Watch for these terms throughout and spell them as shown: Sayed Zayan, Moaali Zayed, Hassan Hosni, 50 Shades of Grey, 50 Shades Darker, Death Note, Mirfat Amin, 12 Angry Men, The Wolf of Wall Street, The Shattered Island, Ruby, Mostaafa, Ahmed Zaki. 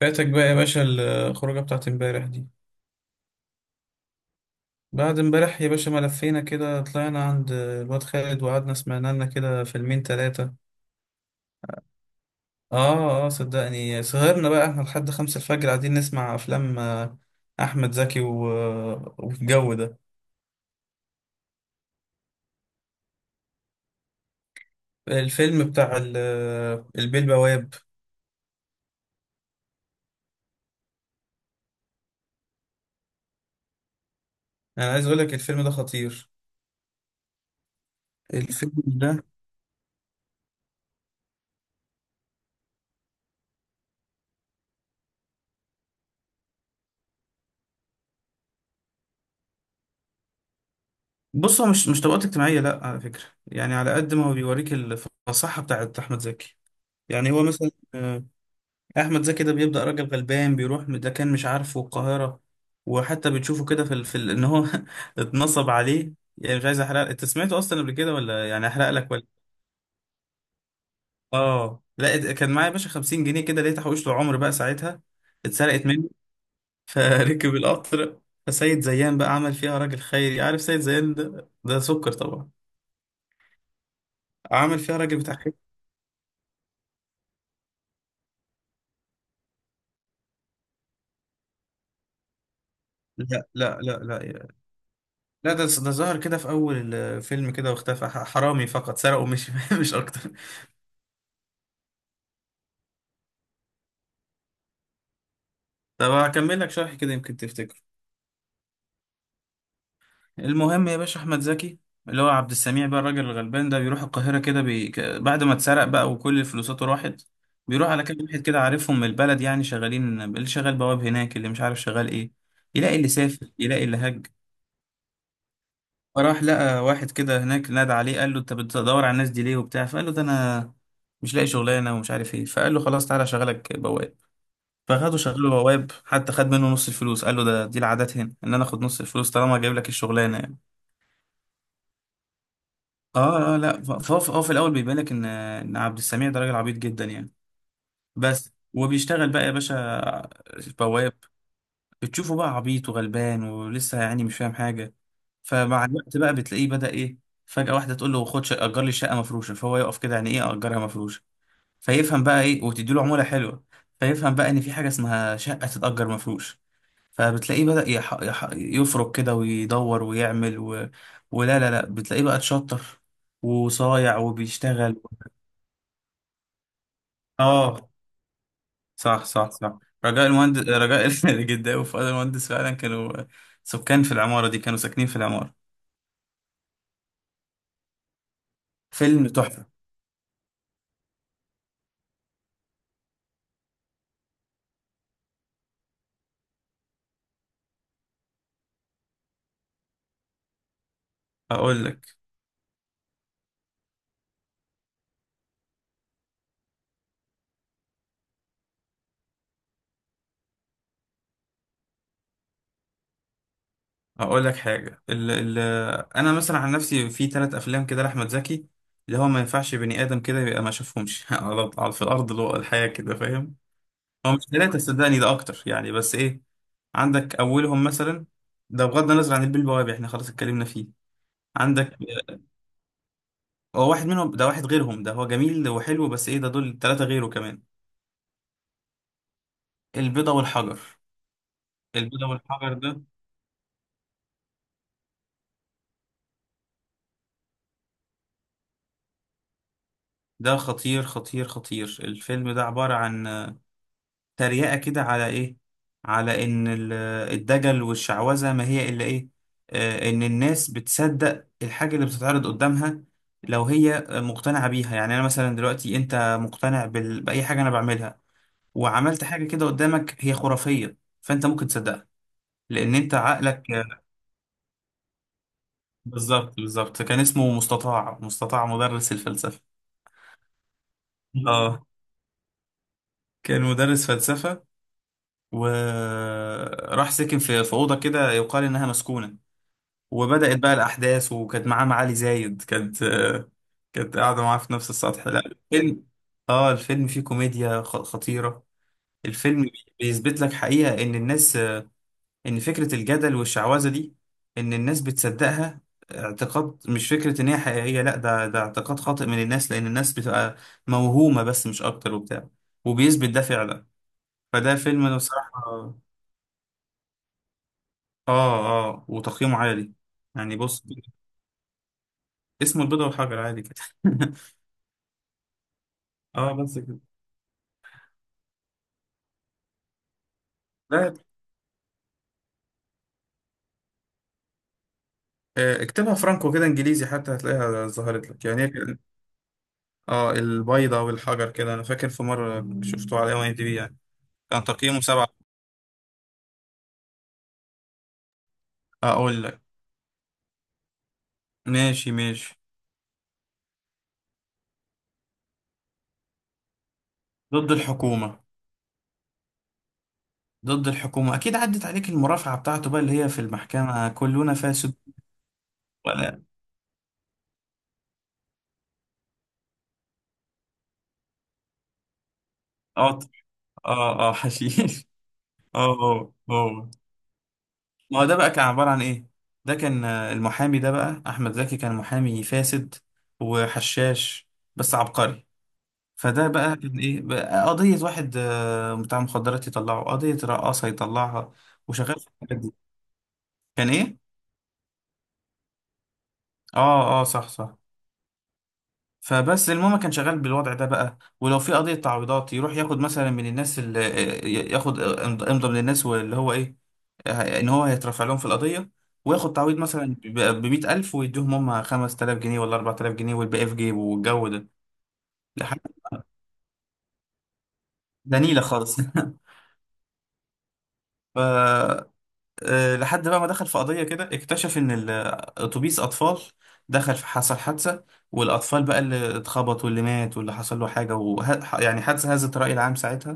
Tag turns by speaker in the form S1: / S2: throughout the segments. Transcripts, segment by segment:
S1: فاتك بقى يا باشا الخروجة بتاعت امبارح دي. بعد امبارح يا باشا ما لفينا كده، طلعنا عند الواد خالد وقعدنا سمعنا لنا كده فيلمين تلاتة. اه اه، صدقني سهرنا بقى احنا لحد خمسة الفجر قاعدين نسمع افلام، احمد زكي والجو ده. الفيلم بتاع البيه البواب. انا عايز اقول لك الفيلم ده خطير. الفيلم ده، بص هو مش طبقات اجتماعية لا على فكرة. يعني على قد ما هو بيوريك الفصاحة بتاعت احمد زكي. يعني هو مثلا احمد زكي ده بيبدا راجل غلبان بيروح، ده كان مش عارفه القاهره. وحتى بتشوفه كده في ان هو اتنصب عليه. يعني مش عايز احرق، انت سمعته اصلا قبل كده ولا يعني احرق لك ولا؟ اه لا، كان معايا يا باشا 50 جنيه كده، لقيت حوشت عمر بقى ساعتها اتسرقت مني فركب القطر. فسيد زيان بقى عمل فيها راجل خيري، عارف سيد زيان ده ده سكر طبعا. عمل فيها راجل بتاع خير. لا لا لا لا. لا ده ظهر كده في اول الفيلم كده واختفى، حرامي فقط سرقه، مش مش اكتر. طب هكمل لك شرح كده يمكن تفتكر. المهم يا باشا احمد زكي اللي هو عبد السميع بقى، الراجل الغلبان ده بيروح القاهره كده، بعد ما اتسرق بقى وكل فلوساته راحت، بيروح على كام واحد كده عارفهم من البلد، يعني شغالين اللي شغال بواب هناك، اللي مش عارف شغال ايه، يلاقي اللي سافر يلاقي اللي هج. فراح لقى واحد كده هناك نادى عليه، قال له انت بتدور على الناس دي ليه وبتاع؟ فقال له ده انا مش لاقي شغلانه ومش عارف ايه. فقال له خلاص تعالى اشغلك بواب. فاخده شغله بواب، حتى خد منه نص الفلوس، قال له ده دي العادات هنا، ان انا اخد نص الفلوس طالما جايب لك الشغلانه يعني. اه اه. لا هو في الاول بيبان لك ان عبد السميع ده راجل عبيط جدا يعني. بس وبيشتغل بقى يا باشا بواب. بتشوفه بقى عبيط وغلبان ولسه يعني مش فاهم حاجه. فمع الوقت بقى بتلاقيه بدأ ايه؟ فجأة واحده تقول له اجر لي شقه مفروشه. فهو يقف كده، يعني ايه اجرها مفروشه؟ فيفهم بقى ايه، وتدي له عموله حلوه. فيفهم بقى ان في حاجه اسمها شقه تتأجر مفروش. فبتلاقيه بدأ يفرك كده ويدور ويعمل ولا لا لا، بتلاقيه بقى اتشطر وصايع وبيشتغل. اه صح صح صح. رجاء المهندس، رجاء الجداوي وفؤاد المهندس فعلا كانوا سكان في العمارة دي، كانوا ساكنين في العمارة. فيلم تحفة. اقول لك. اقول لك حاجة، ال... انا مثلا عن نفسي في ثلاث افلام كده لاحمد زكي، اللي هو ما ينفعش بني ادم كده يبقى ما شافهمش على في الارض الواقع الحياة كده، فاهم. هو مش ثلاثة صدقني، ده أكتر يعني، بس إيه، عندك أولهم مثلا، ده بغض النظر عن البيه البوابي، إحنا خلاص اتكلمنا فيه. عندك، هو واحد منهم، ده واحد غيرهم، ده هو جميل وحلو، بس إيه، ده دول ثلاثة غيره كمان. البيضة والحجر. البيضة والحجر ده، ده خطير خطير خطير. الفيلم ده عبارة عن تريقة كده على إيه؟ على إن الدجل والشعوذة ما هي إلا إيه؟ إن الناس بتصدق الحاجة اللي بتتعرض قدامها لو هي مقتنعة بيها. يعني أنا مثلا دلوقتي أنت مقتنع بأي حاجة أنا بعملها، وعملت حاجة كده قدامك هي خرافية، فأنت ممكن تصدقها، لأن أنت عقلك بالظبط بالظبط. كان اسمه مستطاع، مستطاع مدرس الفلسفة. آه. كان مدرس فلسفة، وراح ساكن في في أوضة كده يقال إنها مسكونة. وبدأت بقى الأحداث، وكانت معاه معالي زايد، كانت كانت قاعدة معاه في نفس السطح. لا، الفيلم، اه الفيلم فيه كوميديا خطيرة. الفيلم بيثبت لك حقيقة إن الناس، إن فكرة الجدل والشعوذة دي، إن الناس بتصدقها اعتقاد، مش فكرة إن هي حقيقية. لا ده اعتقاد خاطئ من الناس، لأن الناس بتبقى موهومة بس مش أكتر وبتاع. وبيثبت ده فعلا. فده فيلم، أنا بصراحة آه. آه وتقييمه عالي. يعني بص اسمه البيضة والحجر عادي كده. اه بس كده. لا اكتبها فرانكو كده انجليزي، حتى هتلاقيها ظهرت لك، يعني هي اه البيضة والحجر كده، انا فاكر في مرة شفته على ام اي دي بي يعني كان تقييمه سبعة. اقول لك. ماشي ماشي. ضد الحكومة. ضد الحكومة اكيد عدت عليك المرافعة بتاعته بقى، اللي هي في المحكمة كلنا فاسد ولا. اه اه اه، حشيش اه اه اه. ما هو ده بقى كان عبارة عن ايه، ده كان المحامي ده بقى احمد زكي، كان محامي فاسد وحشاش بس عبقري. فده بقى كان ايه بقى، قضية واحد بتاع مخدرات يطلعه، قضية رقاصة يطلعها، وشغال في الحاجات دي. كان ايه، اه اه صح صح. فبس المهم كان شغال بالوضع ده بقى، ولو في قضية تعويضات يروح ياخد مثلا من الناس اللي ياخد امضى من الناس، واللي هو ايه، ان هو هيترفع لهم في القضية وياخد تعويض مثلا ب 100,000 ويديهم هم 5000 جنيه ولا 4000 جنيه، والباقي في جيبه والجو ده. لحد ده نيلة خالص ف لحد بقى ما دخل في قضية كده، اكتشف إن أتوبيس أطفال دخل في، حصل حادثة، والأطفال بقى اللي اتخبط واللي مات واللي حصل له حاجة يعني حادثة هزت الرأي العام ساعتها.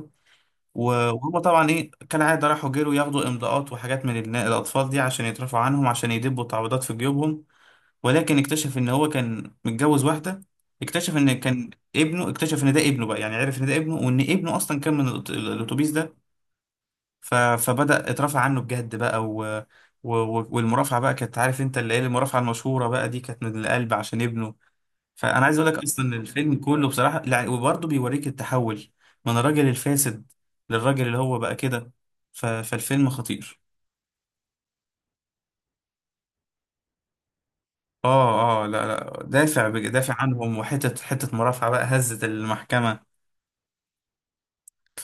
S1: وهم طبعا إيه، كالعادة راحوا جروا ياخدوا إمضاءات وحاجات من الأطفال دي عشان يترفعوا عنهم، عشان يدبوا تعويضات في جيوبهم. ولكن اكتشف إن هو كان متجوز واحدة، اكتشف إن كان ابنه، اكتشف إن ده ابنه بقى، يعني عرف إن ده ابنه، وإن ابنه أصلا كان من الأتوبيس ده. فبدأ اترفع عنه بجد بقى والمرافعة بقى، كانت عارف انت اللي هي المرافعة المشهورة بقى دي، كانت من القلب عشان ابنه. فأنا عايز اقول لك أصلا الفيلم كله بصراحة لا، وبرضه بيوريك التحول من الراجل الفاسد للراجل اللي هو بقى كده. فالفيلم خطير. اه اه لا لا، دافع دافع عنهم، وحتة حتة مرافعة بقى هزت المحكمة.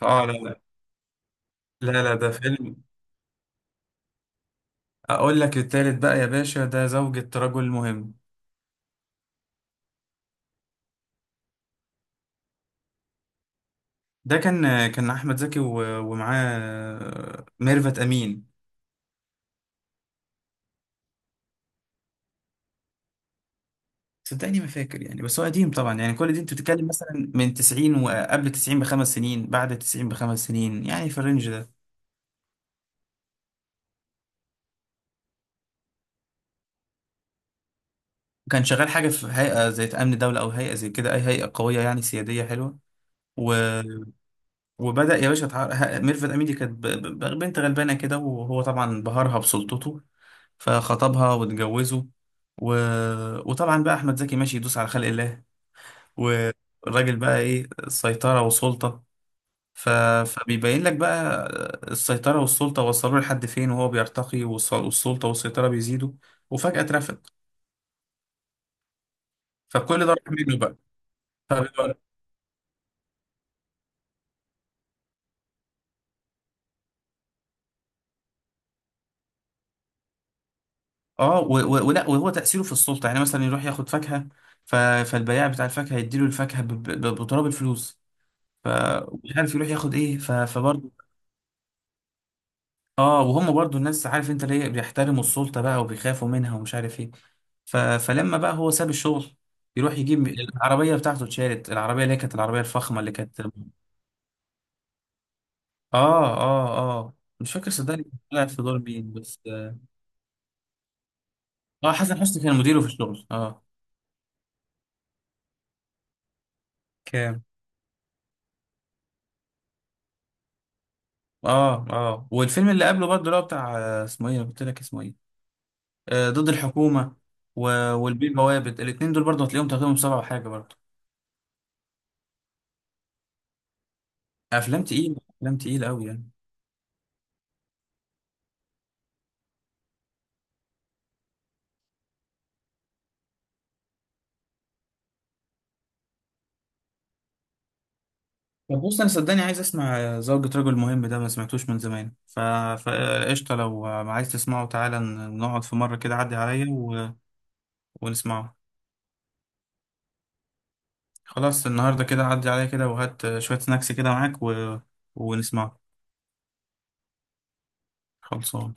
S1: اه لا لا لا لا، ده فيلم. اقول لك التالت بقى يا باشا، ده زوجة رجل مهم. ده كان كان احمد زكي ومعاه ميرفت امين. صدقني ما فاكر يعني، بس هو قديم طبعا، يعني كل دي انت بتتكلم مثلا من 90 وقبل 90 بخمس سنين، بعد 90 بخمس سنين، يعني في الرينج ده. كان شغال حاجه في هيئه زي امن دوله، او هيئه زي كده، اي هيئه قويه يعني سياديه حلوه. و... وبدا يا باشا ميرفت امين دي كانت بنت غلبانه كده، وهو طبعا بهرها بسلطته، فخطبها واتجوزه. و... وطبعا بقى احمد زكي ماشي يدوس على خلق الله، والراجل بقى ايه سيطرة وسلطة. ف... فبيبين لك بقى السيطرة والسلطة وصلوا لحد فين، وهو بيرتقي والسلطة والسيطرة بيزيدوا، وفجأة اترفد. فكل ده راح منه بقى. فبيبقى- اه ولا وهو تأثيره في السلطة، يعني مثلا يروح ياخد فاكهة، ف... فالبياع بتاع الفاكهة يديله الفاكهة بتراب الفلوس، فمش عارف يروح ياخد ايه، فبرضه. اه وهم برضو الناس، عارف انت ليه بيحترموا السلطة بقى وبيخافوا منها ومش عارف ايه. فلما بقى هو ساب الشغل، يروح يجيب العربية بتاعته اتشالت العربية، اللي هي كانت العربية الفخمة اللي كانت اه. اه اه، مش فاكر صدقني كان طلع في دور مين بس. اه حسن حسني كان مديره في الشغل اه. كان اه اه. والفيلم اللي قبله برضه، اللي هو بتاع اسمه ايه أنا قلت لك اسمه ايه، آه ضد الحكومة. و... والبيه بوابد الاتنين دول برضه هتلاقيهم تقييمهم سبعة وحاجة برضه. افلام تقيلة، افلام تقيلة قوي يعني. طب بص انا صدقني عايز اسمع زوجة رجل مهم ده، ما سمعتوش من زمان. فقشطة لو عايز تسمعه، تعالى نقعد في مرة كده، عدي عليا ونسمعه. خلاص النهاردة كده عدي عليا كده، وهات شوية سناكس كده معاك ونسمعه. خلصان.